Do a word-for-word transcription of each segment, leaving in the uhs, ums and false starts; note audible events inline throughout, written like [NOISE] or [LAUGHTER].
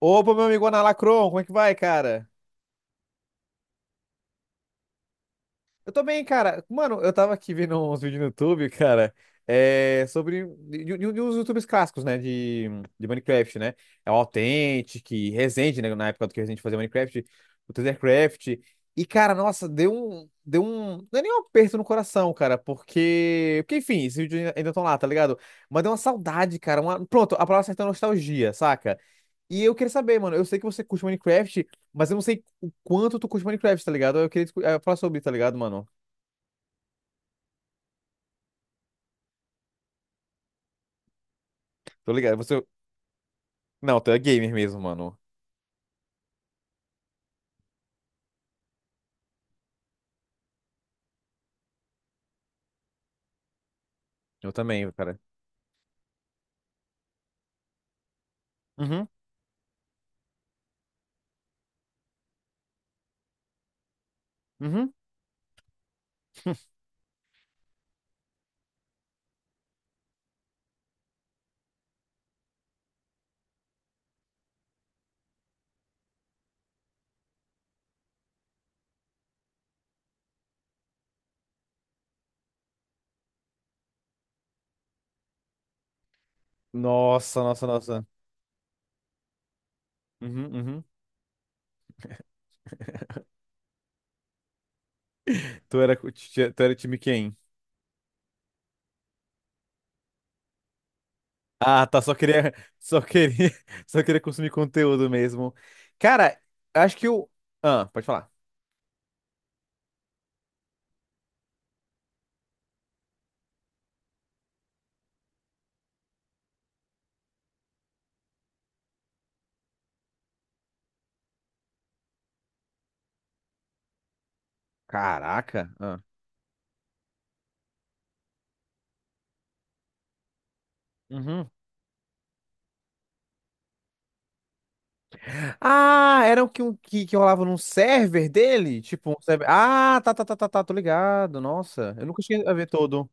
Opa, meu amigo Ana Lacron, como é que vai, cara? Eu tô bem, cara. Mano, eu tava aqui vendo uns vídeos no YouTube, cara, é, sobre de, de- de uns YouTubers clássicos, né, de, de Minecraft, né? É o Authentic, Resende, né, na época do que o Resende fazia Minecraft, o Tethercraft. E, cara, nossa, deu um, deu um, não é nem um aperto no coração, cara, porque, porque enfim, esses vídeos ainda ainda estão lá, tá ligado? Mas deu uma saudade, cara, uma, pronto, a palavra certa é nostalgia, saca? E eu queria saber, mano, eu sei que você curte Minecraft, mas eu não sei o quanto tu curte Minecraft, tá ligado? Eu queria discu- eh, falar sobre, tá ligado, mano? Tô ligado. Você. Não, tu é gamer mesmo, mano. Eu também, cara. Uhum, uhum. Nossa, nossa, nossa. Uhum, uhum. Tu era, cu- ti- tu era time quem? Ah, tá, só queria, só queria, [LAUGHS] só queria consumir conteúdo mesmo. Cara, acho que o. Ah, pode falar. Caraca. Ah. Uhum. Ah, era o que, um- que, que rolava num server dele? Tipo, um server. Ah, tá, tá, tá, tá, tá, tô ligado. Nossa, eu nunca cheguei a ver todo.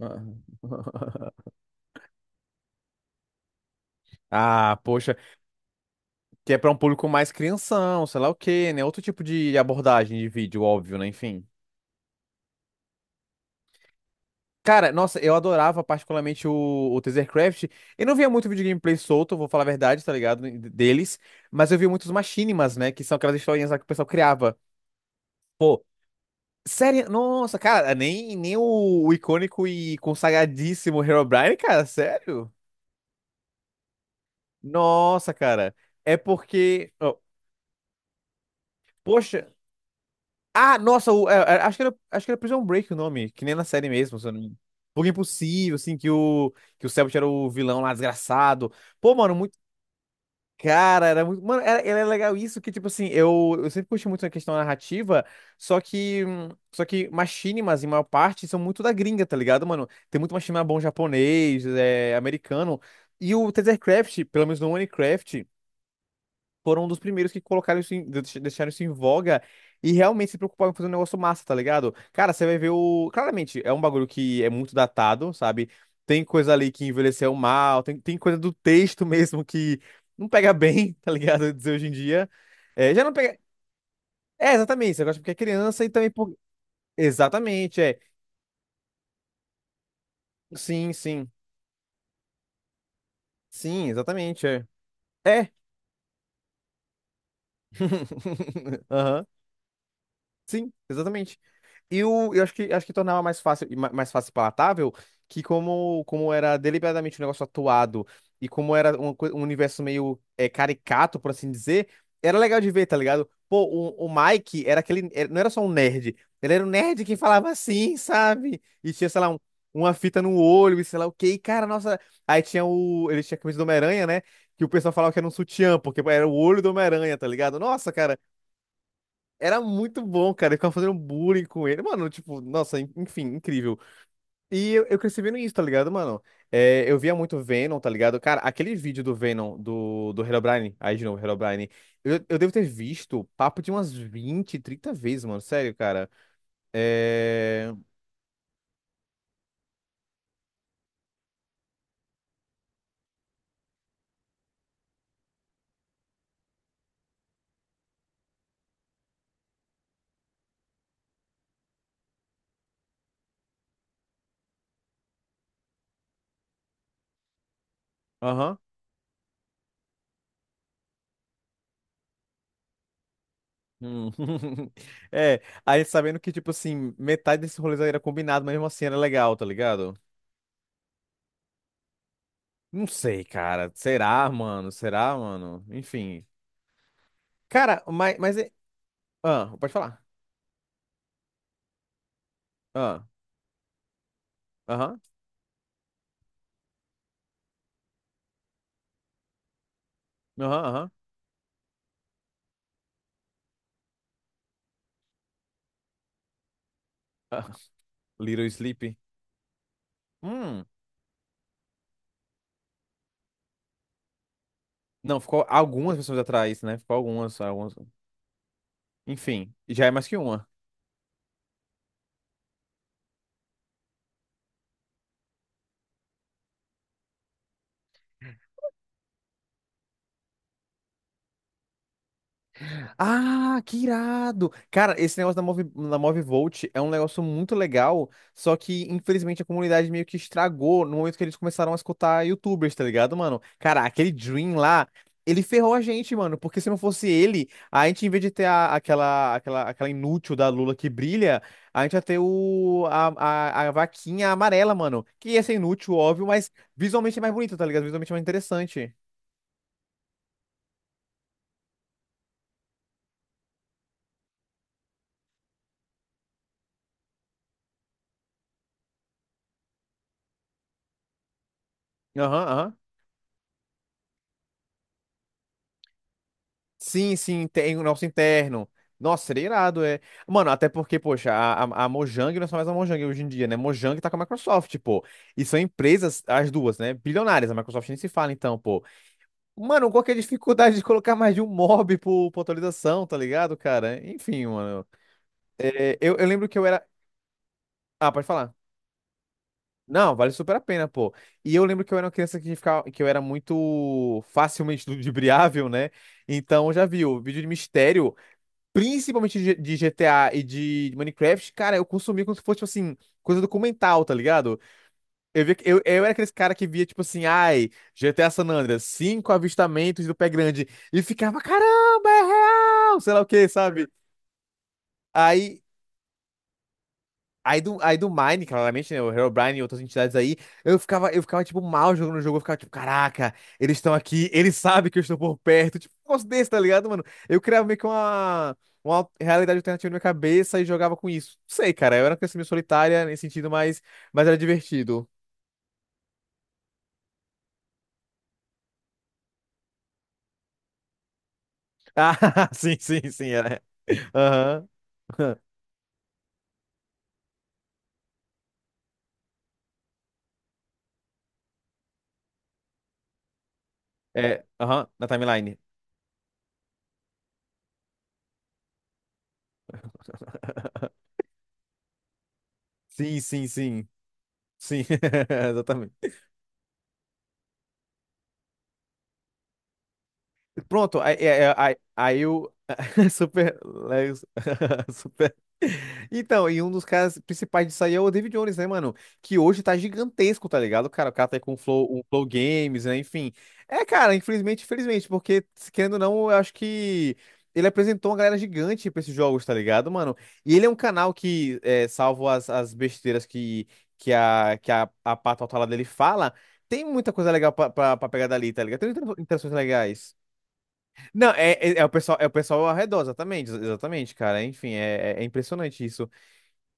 Ah, [LAUGHS] Ah, poxa, que é pra um público mais crianção, sei lá o quê, né? Outro tipo de abordagem de vídeo, óbvio, né? Enfim. Cara, nossa, eu adorava particularmente o, o Tasercraft. Eu não via muito vídeo gameplay solto, vou falar a verdade, tá ligado? Deles. Mas eu via muitos machinimas, né? Que são aquelas historinhas lá que o pessoal criava. Pô, sério? Nossa, cara, nem, nem o, o icônico e consagradíssimo Herobrine, cara, sério? Nossa, cara. É porque. Ó, poxa. Ah, nossa, o- é, é, acho que era, acho que era Prison Break o nome, que nem na série mesmo, se eu não me engano. Porque impossível, assim, que o, que o Cellbit era o vilão lá, desgraçado. Pô, mano, muito. Cara, era muito. Mano, era, era legal isso, que, tipo assim, eu, eu sempre curti muito a questão narrativa, só que. hum, Só que machinimas, em maior parte, são muito da gringa, tá ligado, mano? Tem muito machinima bom japonês, é, americano. E o Tethercraft, pelo menos no Minecraft foram um dos primeiros que colocaram isso em, de- deixaram isso em voga e realmente se preocuparam em fazer um negócio massa, tá ligado? Cara, você vai ver o. Claramente, é um bagulho que é muito datado, sabe? Tem coisa ali que envelheceu mal, tem, tem coisa do texto [LAUGHS] mesmo que não pega bem, [LAUGHS] tá ligado? Dizer hoje em dia. É, já não pega. É, exatamente, você gosta porque é criança e também por. Exatamente, é. Sim, sim. Sim, exatamente, é. É. [LAUGHS] Aham, exatamente. E o, eu acho que, acho que tornava mais fácil, e ma- mais fácil e palatável que como, como era deliberadamente um negócio atuado e como era um, um universo meio é, caricato, por assim dizer, era legal de ver, tá ligado? Pô, o, o Mike era aquele, era- não era só um nerd, ele era um nerd que falava assim, sabe? E tinha, sei lá, um- uma fita no olho e sei lá o quê. E, cara, nossa, aí tinha o, ele tinha a camisa do Homem-Aranha, né? Que o pessoal falava que era um sutiã, porque era o olho do Homem-Aranha, tá ligado? Nossa, cara, era muito bom, cara. Eu ficava fazendo bullying com ele. Mano, tipo, nossa, en- enfim, incrível. E eu, eu cresci vendo isso, tá ligado, mano? É, eu via muito Venom, tá ligado? Cara, aquele vídeo do Venom, do, do Herobrine, aí de novo, Herobrine, eu, eu devo ter visto papo de umas vinte, trinta vezes, mano. Sério, cara. É. Aham. Hum. [LAUGHS] É, aí sabendo que, tipo assim, metade desse rolê era combinado, mas mesmo assim era legal, tá ligado? Não sei, cara. Será, mano? Será, mano? Enfim. Cara, mas, mas é. Ah, pode falar. Ah, aham, aham, aham. Ah, Little Sleep. Hum. Não, ficou algumas pessoas atrás, né? Ficou algumas, algumas. Enfim, já é mais que uma. Ah, que irado! Cara, esse negócio da Move, da Movivolt é um negócio muito legal, só que infelizmente a comunidade meio que estragou no momento que eles começaram a escutar YouTubers, tá ligado, mano? Cara, aquele Dream lá, ele ferrou a gente, mano, porque se não fosse ele, a gente, em vez de ter a- aquela, aquela, aquela inútil da Lula que brilha, a gente ia ter o, a, a, a vaquinha amarela, mano, que ia ser inútil, óbvio, mas visualmente é mais bonito, tá ligado? Visualmente é mais interessante. Aham, aham. Sim, sim, tem o nosso interno. Nossa, seria irado, é. Mano, até porque, poxa, a, a, a Mojang não é só mais a Mojang hoje em dia, né? Mojang tá com a Microsoft, pô. E são empresas, as duas, né? Bilionárias. A Microsoft nem se fala, então, pô. Mano, qual que é a dificuldade de colocar mais de um mob por, por atualização, tá ligado, cara? Enfim, mano. É, eu, eu lembro que eu era. Ah, pode falar. Não, vale super a pena, pô. E eu lembro que eu era uma criança que ficava, que eu era muito facilmente [LAUGHS] ludibriável, né? Então, já viu, vídeo de mistério, principalmente de de G T A e de Minecraft, cara, eu consumia como se fosse, tipo assim, coisa documental, tá ligado? Eu, via, que- eu, eu era aqueles cara que via, tipo assim, ai, G T A San Andreas, cinco avistamentos do pé grande, e ficava, caramba, é real, sei lá o que, sabe? Aí Aí do, aí do Mine, claramente, né? O Herobrine e outras entidades aí, eu ficava, eu ficava, tipo, mal jogando o jogo. Eu ficava, tipo, caraca, eles estão aqui, eles sabem que eu estou por perto. Tipo, um negócio desse, tá ligado, mano? Eu criava meio que uma, uma realidade alternativa na minha cabeça e jogava com isso. Não sei, cara, eu era uma criança meio solitária nesse sentido, mas, mas era divertido. [LAUGHS] Ah, sim, sim, sim, era. Aham. [LAUGHS] É, aham, na timeline. [LAUGHS] Sim, sim, sim. Sim, [LAUGHS] exatamente. Pronto, aí, aí, aí, aí o [LAUGHS] super, Lex- [LAUGHS] super. Então, e um dos caras principais disso aí é o David Jones, né, mano? Que hoje tá gigantesco, tá ligado? Cara, o cara tá aí com o Flow, o Flow Games, né? Enfim. É, cara, infelizmente, infelizmente, porque, se querendo ou não, eu acho que ele apresentou uma galera gigante pra esses jogos, tá ligado, mano? E ele é um canal que, é, salvo as, as besteiras que, que a, que a, a pata lá dele fala, tem muita coisa legal pra, pra, pra pegar dali, tá ligado? Tem muitas interações legais. Não, é, é, é o pessoal, é o pessoal ao redor, exatamente, ex- exatamente, cara. Enfim, é, é- é impressionante isso.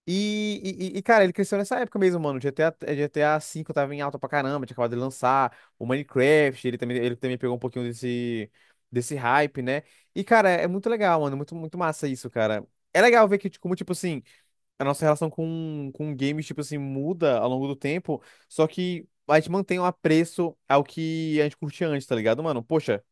E, e, e, cara, ele cresceu nessa época mesmo, mano. G T A, eh, G T A vê tava em alta pra caramba, tinha acabado de lançar. O Minecraft, ele também, ele também pegou um pouquinho desse, desse hype, né? E, cara, é é muito legal, mano. Muito, muito massa isso, cara. É legal ver que, tipo, como, tipo assim, a nossa relação com, com games, tipo assim, muda ao longo do tempo, só que a gente mantém um apreço ao que a gente curtia antes, tá ligado, mano? Poxa.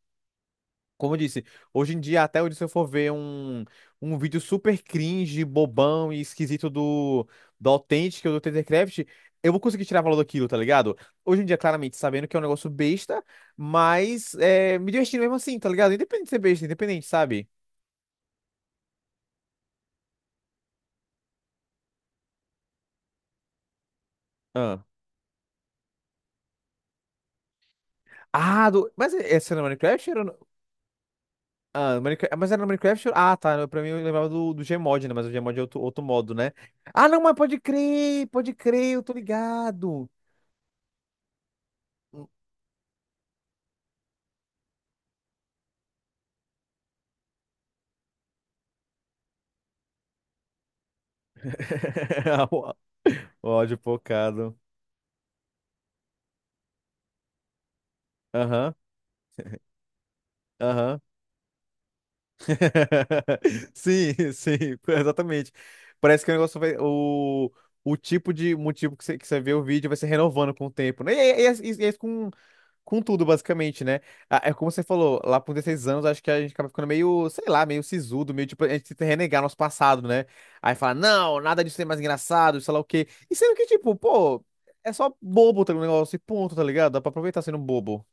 Como eu disse, hoje em dia, até onde se eu for ver um, um, vídeo super cringe, bobão e esquisito do, do Authentic ou do TenderCraft, eu vou conseguir tirar valor daquilo, tá ligado? Hoje em dia, claramente, sabendo que é um negócio besta, mas é, me divertindo mesmo assim, tá ligado? Independente de ser besta, independente, sabe? Ah, ah do, mas essa era no Minecraft? Era no. Ah, Minecraft. Mas era no Minecraft? Ah, tá. eu- Pra mim, eu lembrava do, do Gmod, né? Mas o Gmod é outro, outro modo, né? Ah, não, mas pode crer, pode crer, eu tô ligado. [LAUGHS] O ódio focado. Aham, aham. [LAUGHS] Sim, sim, exatamente. Parece que o negócio vai. O, o tipo de motivo que você, que você vê o vídeo vai se renovando com o tempo, né? E, e, e, e- e- com com tudo, basicamente, né? Ah, é como você falou, lá por dezesseis anos, acho que a gente acaba ficando meio, sei lá, meio sisudo, meio tipo, a gente tenta renegar nosso passado, né? Aí fala, não, nada disso é mais engraçado, sei lá o quê. E sendo que, tipo, pô, é só bobo tá, o negócio e ponto, tá ligado? Dá pra aproveitar sendo bobo.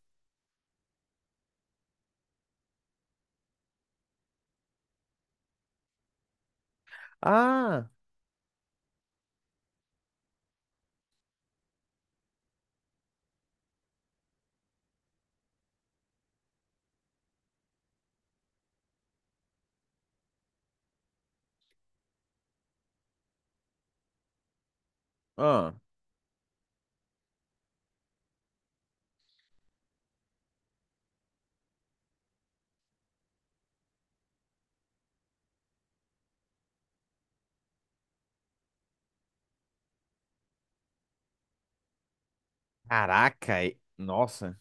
Ah, ah, caraca, e- nossa,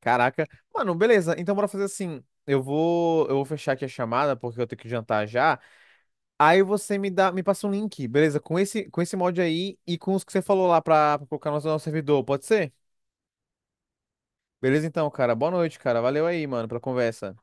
caraca. Mano, beleza, então bora fazer assim. Eu vou, eu vou fechar aqui a chamada, porque eu tenho que jantar já. Aí você me dá, me passa um link, beleza? Com esse, com esse, mod aí e com os que você falou lá pra, pra colocar no nosso servidor, pode ser? Beleza então, cara. Boa noite, cara. Valeu aí, mano, pela conversa.